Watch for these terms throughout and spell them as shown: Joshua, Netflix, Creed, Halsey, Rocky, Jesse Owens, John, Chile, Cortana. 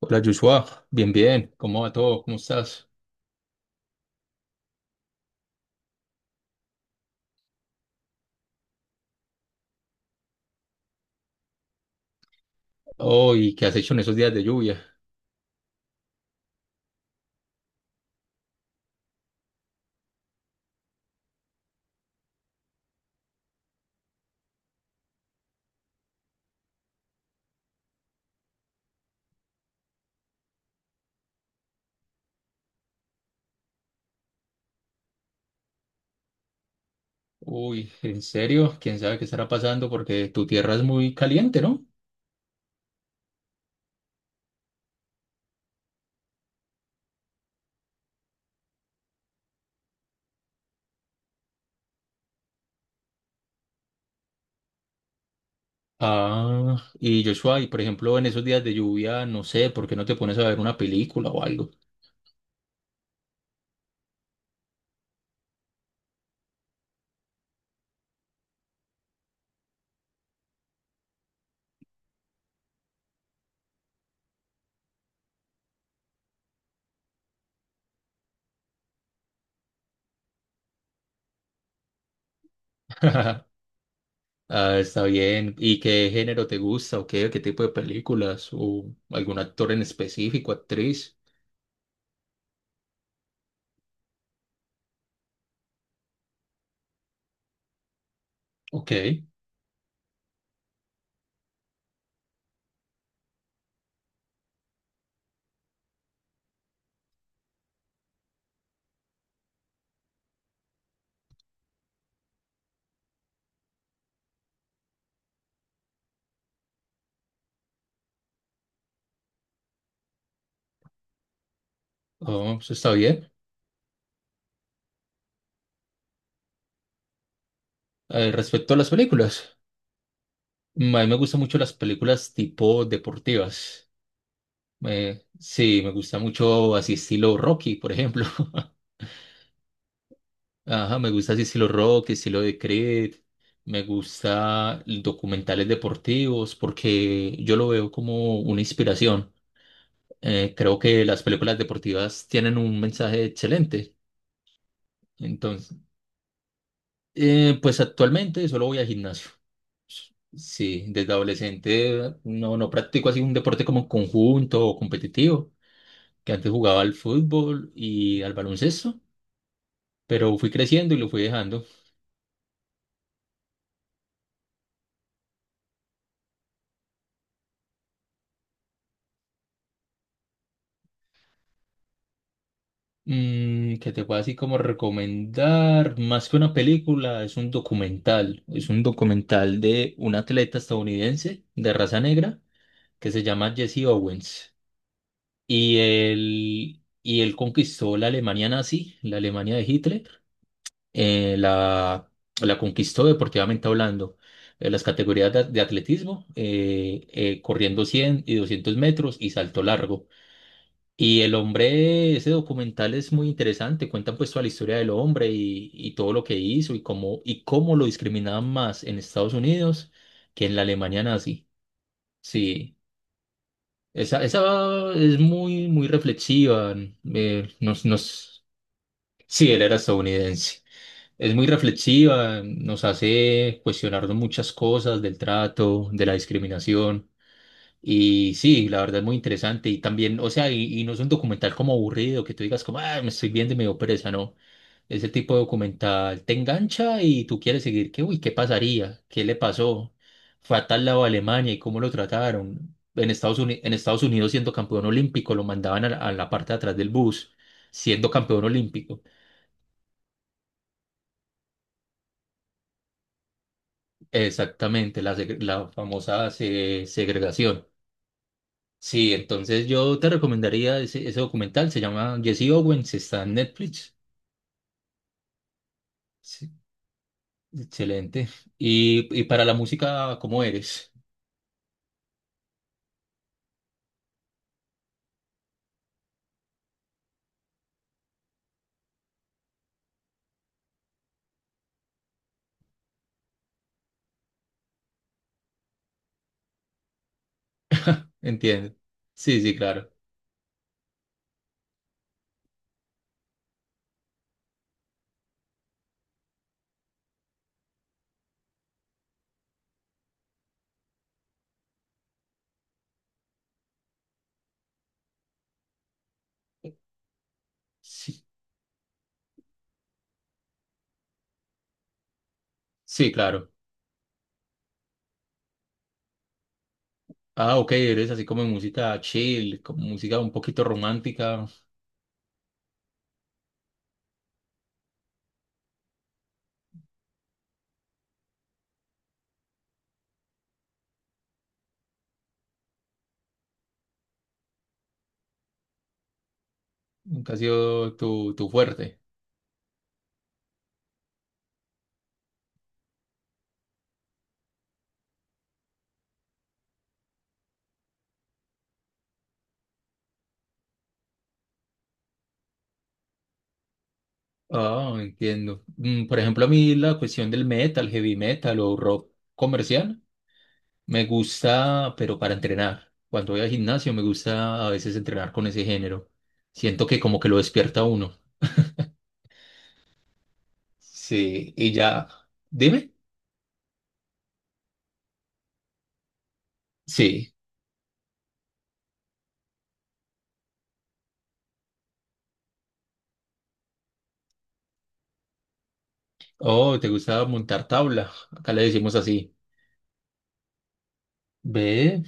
Hola Joshua, bien, bien, ¿cómo va todo? ¿Cómo estás? Oh, ¿y qué has hecho en esos días de lluvia? Uy, ¿en serio? ¿Quién sabe qué estará pasando? Porque tu tierra es muy caliente, ¿no? Ah, y Joshua, y por ejemplo, en esos días de lluvia, no sé, ¿por qué no te pones a ver una película o algo? Ah, está bien. ¿Y qué género te gusta o qué tipo de películas? ¿O algún actor en específico, actriz? Ok, oh, eso está bien. Respecto a las películas. A mí me gustan mucho las películas tipo deportivas. Sí, me gusta mucho así estilo Rocky, por ejemplo. Ajá, me gusta así estilo Rocky, estilo de Creed. Me gusta documentales deportivos porque yo lo veo como una inspiración. Creo que las películas deportivas tienen un mensaje excelente. Entonces, pues actualmente solo voy al gimnasio. Sí, desde adolescente no practico así un deporte como conjunto o competitivo, que antes jugaba al fútbol y al baloncesto, pero fui creciendo y lo fui dejando. Que te puedo así como recomendar, más que una película, es un documental de un atleta estadounidense de raza negra que se llama Jesse Owens y él conquistó la Alemania nazi, la Alemania de Hitler, eh, la, la conquistó deportivamente hablando. En las categorías de atletismo, corriendo 100 y 200 metros y salto largo. Y el hombre, ese documental es muy interesante, cuentan pues toda la historia del hombre y todo lo que hizo y cómo lo discriminaban más en Estados Unidos que en la Alemania nazi. Sí, esa es muy, muy reflexiva. eh, nos, nos... Sí, él era estadounidense. Es muy reflexiva, nos hace cuestionarnos muchas cosas del trato, de la discriminación. Y sí, la verdad es muy interesante. Y también, o sea, y no es un documental como aburrido, que tú digas como, ah, me estoy viendo y me dio pereza, no. Ese tipo de documental te engancha y tú quieres seguir, que, uy, ¿qué pasaría? ¿Qué le pasó? Fue a tal lado a Alemania y cómo lo trataron. En Estados Unidos siendo campeón olímpico, lo mandaban a la parte de atrás del bus, siendo campeón olímpico. Exactamente, la famosa segregación. Sí, entonces yo te recomendaría ese documental, se llama Jesse Owens, está en Netflix. Sí, excelente. Y para la música, ¿cómo eres? ¿Entiendes? Sí, sí, claro. Sí, sí, claro. Ah, ok, eres así como música chill, como música un poquito romántica, nunca ha sido tu fuerte. Ah, entiendo. Por ejemplo, a mí la cuestión del metal, heavy metal o rock comercial. Me gusta, pero para entrenar. Cuando voy al gimnasio me gusta a veces entrenar con ese género. Siento que como que lo despierta a uno. Sí, y ya. Dime. Sí. Oh, ¿te gusta montar tabla? Acá le decimos así. ¿Ve?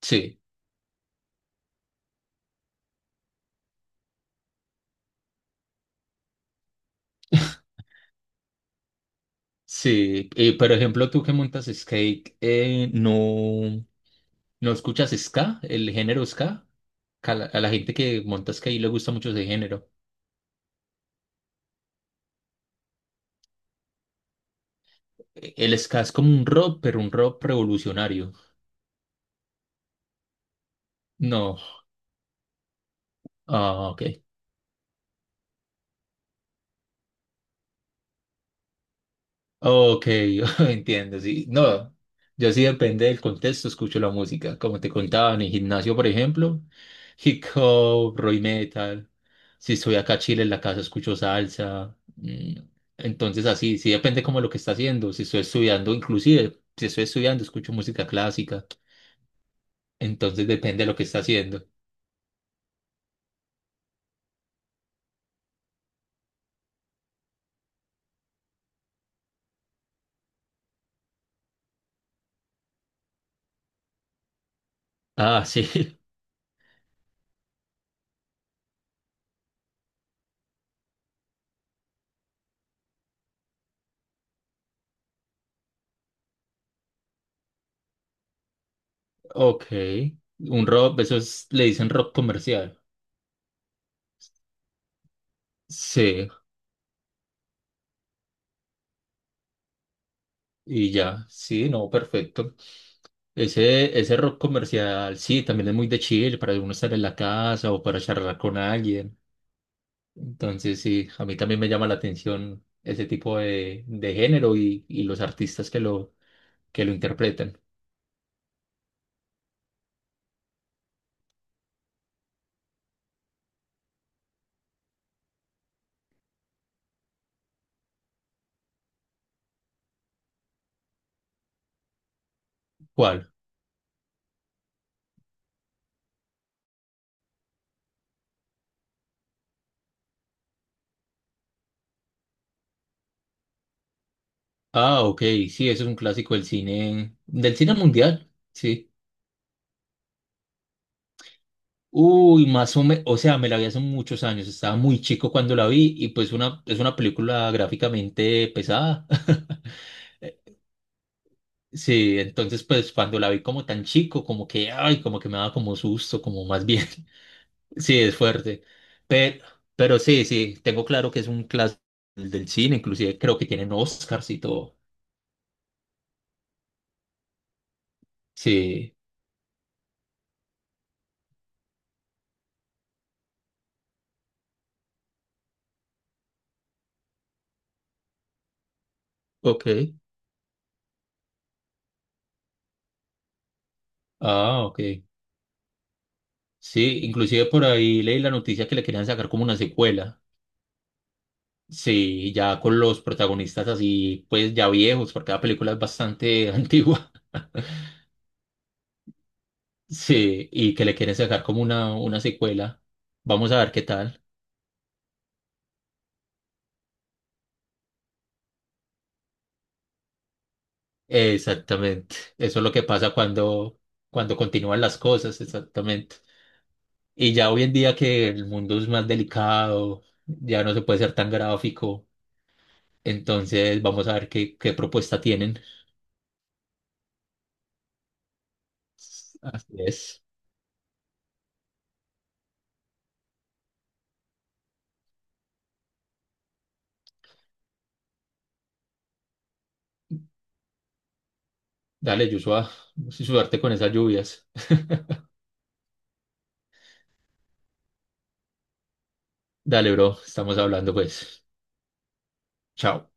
Sí, sí. Y por ejemplo, tú que montas skate, ¿no escuchas ska? ¿El género ska? Que a a la gente que monta skate le gusta mucho ese género. El ska es como un rock, pero un rock revolucionario. No. Ah, ok. Ok, entiendo, sí. No, yo sí depende del contexto, escucho la música. Como te contaba, en el gimnasio, por ejemplo, hip hop, rock metal. Si estoy acá a Chile en la casa, escucho salsa. Entonces, así, sí depende como lo que está haciendo. Si estoy estudiando, inclusive, si estoy estudiando, escucho música clásica. Entonces, depende de lo que está haciendo. Ah, sí, ok. Un rock, le dicen rock comercial. Sí, y ya, sí, no, perfecto. Ese rock comercial, sí, también es muy de chill para uno estar en la casa o para charlar con alguien. Entonces, sí, a mí también me llama la atención ese tipo de género y los artistas que lo interpretan. ¿Cuál? Ah, ok, sí, eso es un clásico del cine mundial, sí. Uy, más o menos, o sea, me la vi hace muchos años, estaba muy chico cuando la vi y pues una, es una película gráficamente pesada. Sí, entonces pues cuando la vi como tan chico, como que, ay, como que me daba como susto, como más bien. Sí, es fuerte. Pero, pero sí, sí, tengo claro que es un clásico del cine, inclusive creo que tienen Oscars y todo. Sí, ok. Ah, ok. Sí, inclusive por ahí leí la noticia que le querían sacar como una secuela. Sí, ya con los protagonistas así, pues ya viejos, porque la película es bastante antigua. Sí, y que le quieren sacar como una secuela. Vamos a ver qué tal. Exactamente. Eso es lo que pasa cuando, cuando continúan las cosas, exactamente. Y ya hoy en día que el mundo es más delicado, ya no se puede ser tan gráfico, entonces vamos a ver qué propuesta tienen. Así es. Dale, Joshua, suerte con esas lluvias. Dale, bro, estamos hablando pues. Chao.